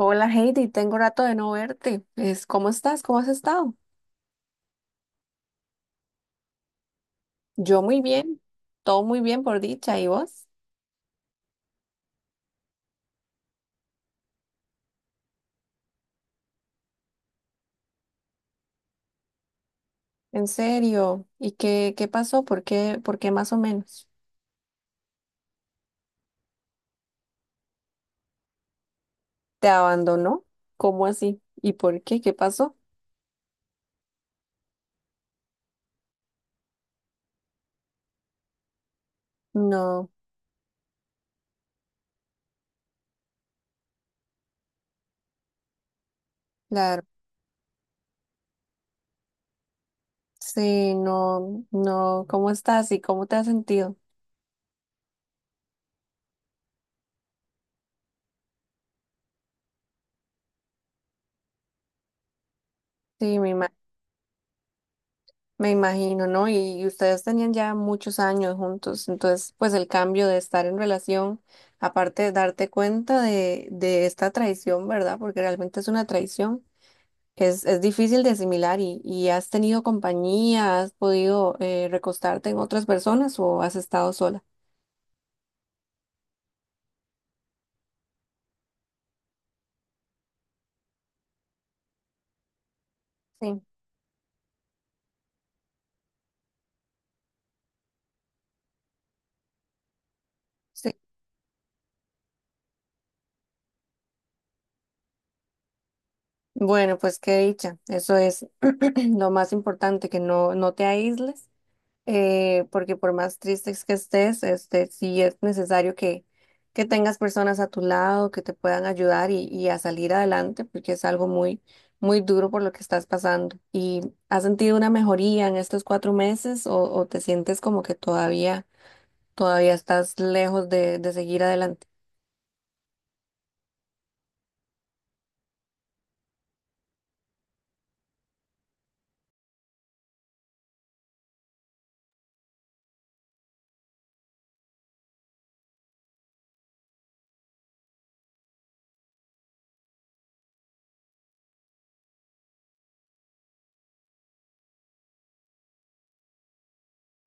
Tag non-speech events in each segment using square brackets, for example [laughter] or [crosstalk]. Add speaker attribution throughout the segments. Speaker 1: Hola Heidi, tengo rato de no verte. ¿Cómo estás? ¿Cómo has estado? Yo muy bien, todo muy bien por dicha. ¿Y vos? ¿En serio? ¿Y qué pasó? ¿Por qué más o menos? ¿Te abandonó? ¿Cómo así? ¿Y por qué? ¿Qué pasó? No, claro. Sí, no, no. ¿Cómo estás y cómo te has sentido? Sí, me imagino. Me imagino, ¿no? Y ustedes tenían ya muchos años juntos, entonces pues el cambio de estar en relación, aparte de darte cuenta de esta traición, ¿verdad? Porque realmente es una traición, es difícil de asimilar y has tenido compañía, has podido recostarte en otras personas o has estado sola. Sí, sí. Bueno, pues qué dicha, eso es [clears throat] lo más importante, que no, no te aísles porque por más tristes que estés, este, sí es necesario que tengas personas a tu lado que te puedan ayudar y a salir adelante, porque es algo muy duro por lo que estás pasando. ¿Y has sentido una mejoría en estos cuatro meses o te sientes como que todavía estás lejos de seguir adelante?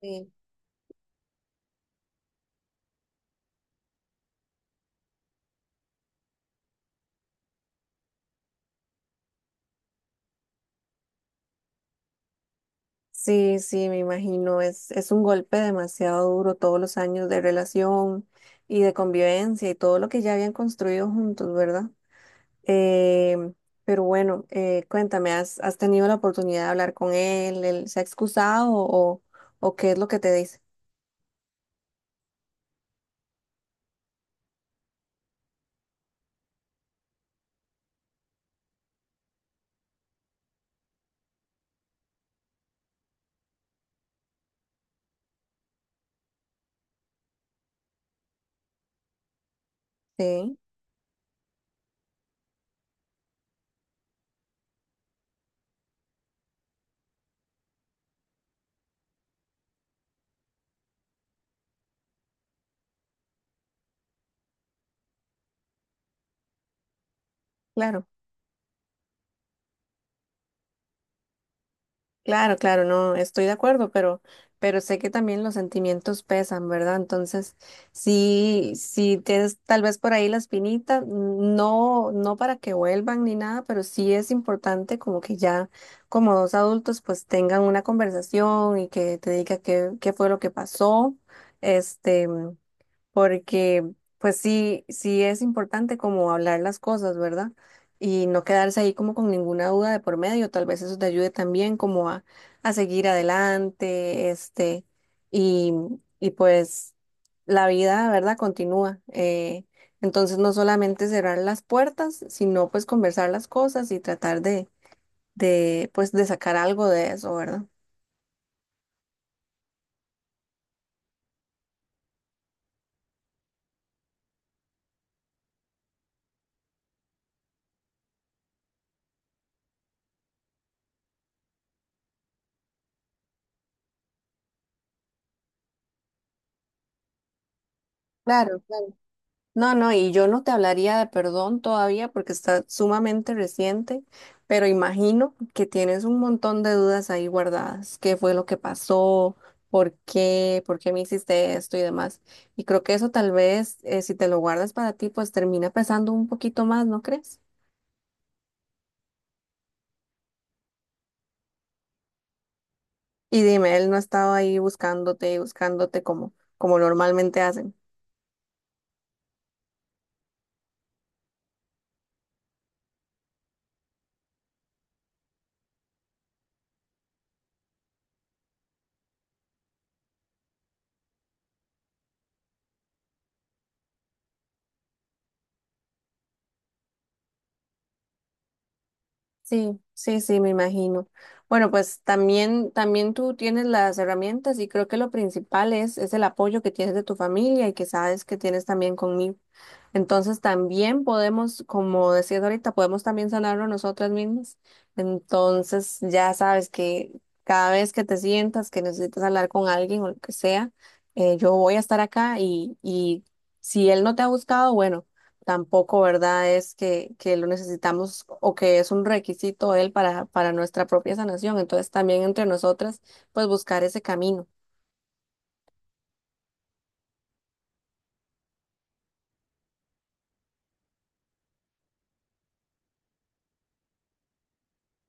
Speaker 1: Sí, sí, sí, me imagino. Es un golpe demasiado duro todos los años de relación y de convivencia y todo lo que ya habían construido juntos, ¿verdad? Eh, pero bueno, cuéntame, has tenido la oportunidad de hablar con él? ¿Él se ha excusado o qué es lo que te dice? Sí, claro, claro, claro, no, estoy de acuerdo, pero sé que también los sentimientos pesan, ¿verdad? Entonces, sí, sí tienes tal vez por ahí la espinita, no, no para que vuelvan ni nada, pero sí es importante como que ya como dos adultos pues tengan una conversación y que te diga qué fue lo que pasó. Este, porque pues sí, sí es importante como hablar las cosas, ¿verdad? Y no quedarse ahí como con ninguna duda de por medio, tal vez eso te ayude también como a seguir adelante, este, y, y pues la vida, ¿verdad? Continúa. Entonces no solamente cerrar las puertas, sino pues conversar las cosas y tratar de pues de sacar algo de eso, ¿verdad? Claro, claro. No, no, y yo no te hablaría de perdón todavía porque está sumamente reciente, pero imagino que tienes un montón de dudas ahí guardadas. ¿Qué fue lo que pasó? ¿Por qué? ¿Por qué me hiciste esto y demás? Y creo que eso tal vez, si te lo guardas para ti, pues termina pesando un poquito más, ¿no crees? Y dime, él no estaba ahí buscándote y buscándote como normalmente hacen. Sí, sí, sí, me imagino. Bueno, pues también, también tú tienes las herramientas y creo que lo principal es el apoyo que tienes de tu familia y que sabes que tienes también conmigo. Entonces también podemos, como decías ahorita, podemos también sanarlo nosotras mismas. Entonces ya sabes que cada vez que te sientas que necesitas hablar con alguien o lo que sea, yo voy a estar acá y si él no te ha buscado, bueno tampoco, ¿verdad? Es que lo necesitamos o que es un requisito él para nuestra propia sanación. Entonces también entre nosotras, pues buscar ese camino.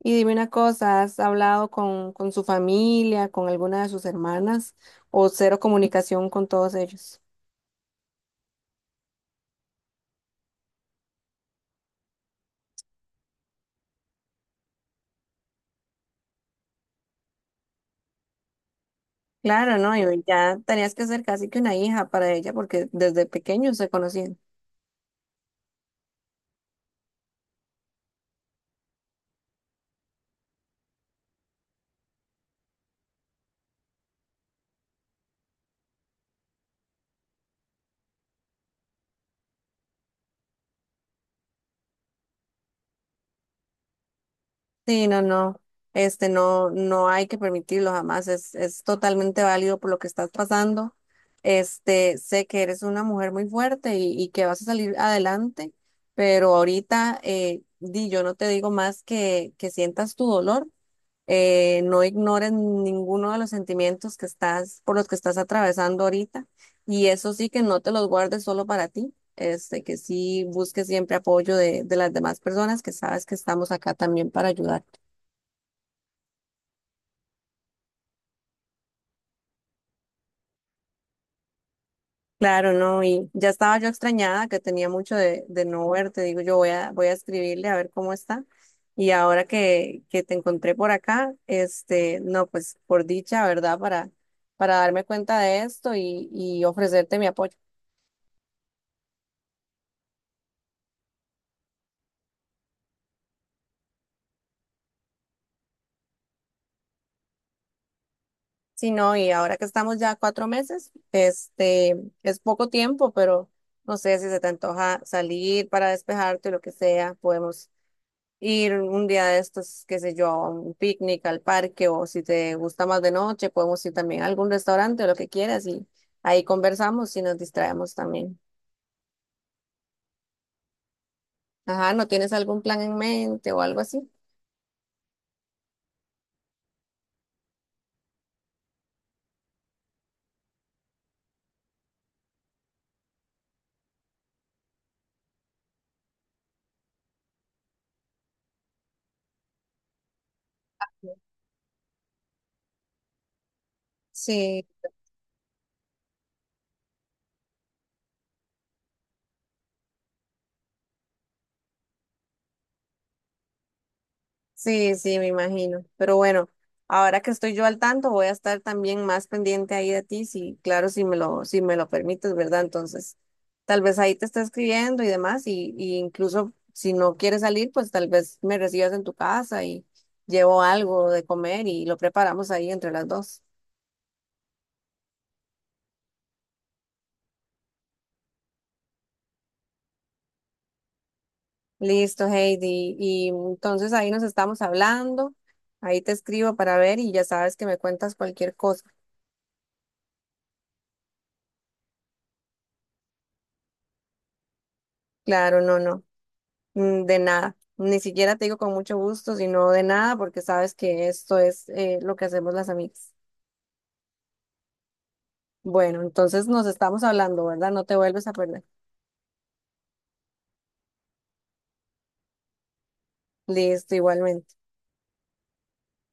Speaker 1: Y dime una cosa, ¿has hablado con su familia, con alguna de sus hermanas o cero comunicación con todos ellos? Claro, ¿no? Y ya tenías que ser casi que una hija para ella porque desde pequeños se conocían. Sí, no, no, este no, no hay que permitirlo jamás, es totalmente válido por lo que estás pasando. Este, sé que eres una mujer muy fuerte y que vas a salir adelante, pero ahorita yo no te digo más que sientas tu dolor, no ignores ninguno de los sentimientos que estás, por los que estás atravesando ahorita, y eso sí que no te los guardes solo para ti. Este, que sí busques siempre apoyo de las demás personas que sabes que estamos acá también para ayudar. Claro, no, y ya estaba yo extrañada que tenía mucho de no verte. Digo, yo voy voy a escribirle a ver cómo está. Y ahora que te encontré por acá, este, no, pues por dicha, ¿verdad? Para darme cuenta de esto y ofrecerte mi apoyo. Sí, no, y ahora que estamos ya a cuatro meses, este, es poco tiempo, pero no sé si se te antoja salir para despejarte o lo que sea, podemos ir un día de estos, qué sé yo, a un picnic, al parque, o si te gusta más de noche, podemos ir también a algún restaurante o lo que quieras y ahí conversamos y nos distraemos también. Ajá, ¿no tienes algún plan en mente o algo así? Sí. Sí, sí, me imagino. Pero bueno, ahora que estoy yo al tanto, voy a estar también más pendiente ahí de ti, si, claro, si me lo permites, ¿verdad? Entonces, tal vez ahí te esté escribiendo y demás, y incluso si no quieres salir, pues tal vez me recibas en tu casa y llevo algo de comer y lo preparamos ahí entre las dos. Listo, Heidi. Y entonces ahí nos estamos hablando. Ahí te escribo para ver y ya sabes que me cuentas cualquier cosa. Claro, no, no. Mm, de nada, ni siquiera te digo con mucho gusto, sino de nada, porque sabes que esto es lo que hacemos las amigas. Bueno, entonces nos estamos hablando, ¿verdad? No te vuelves a perder. Listo, igualmente.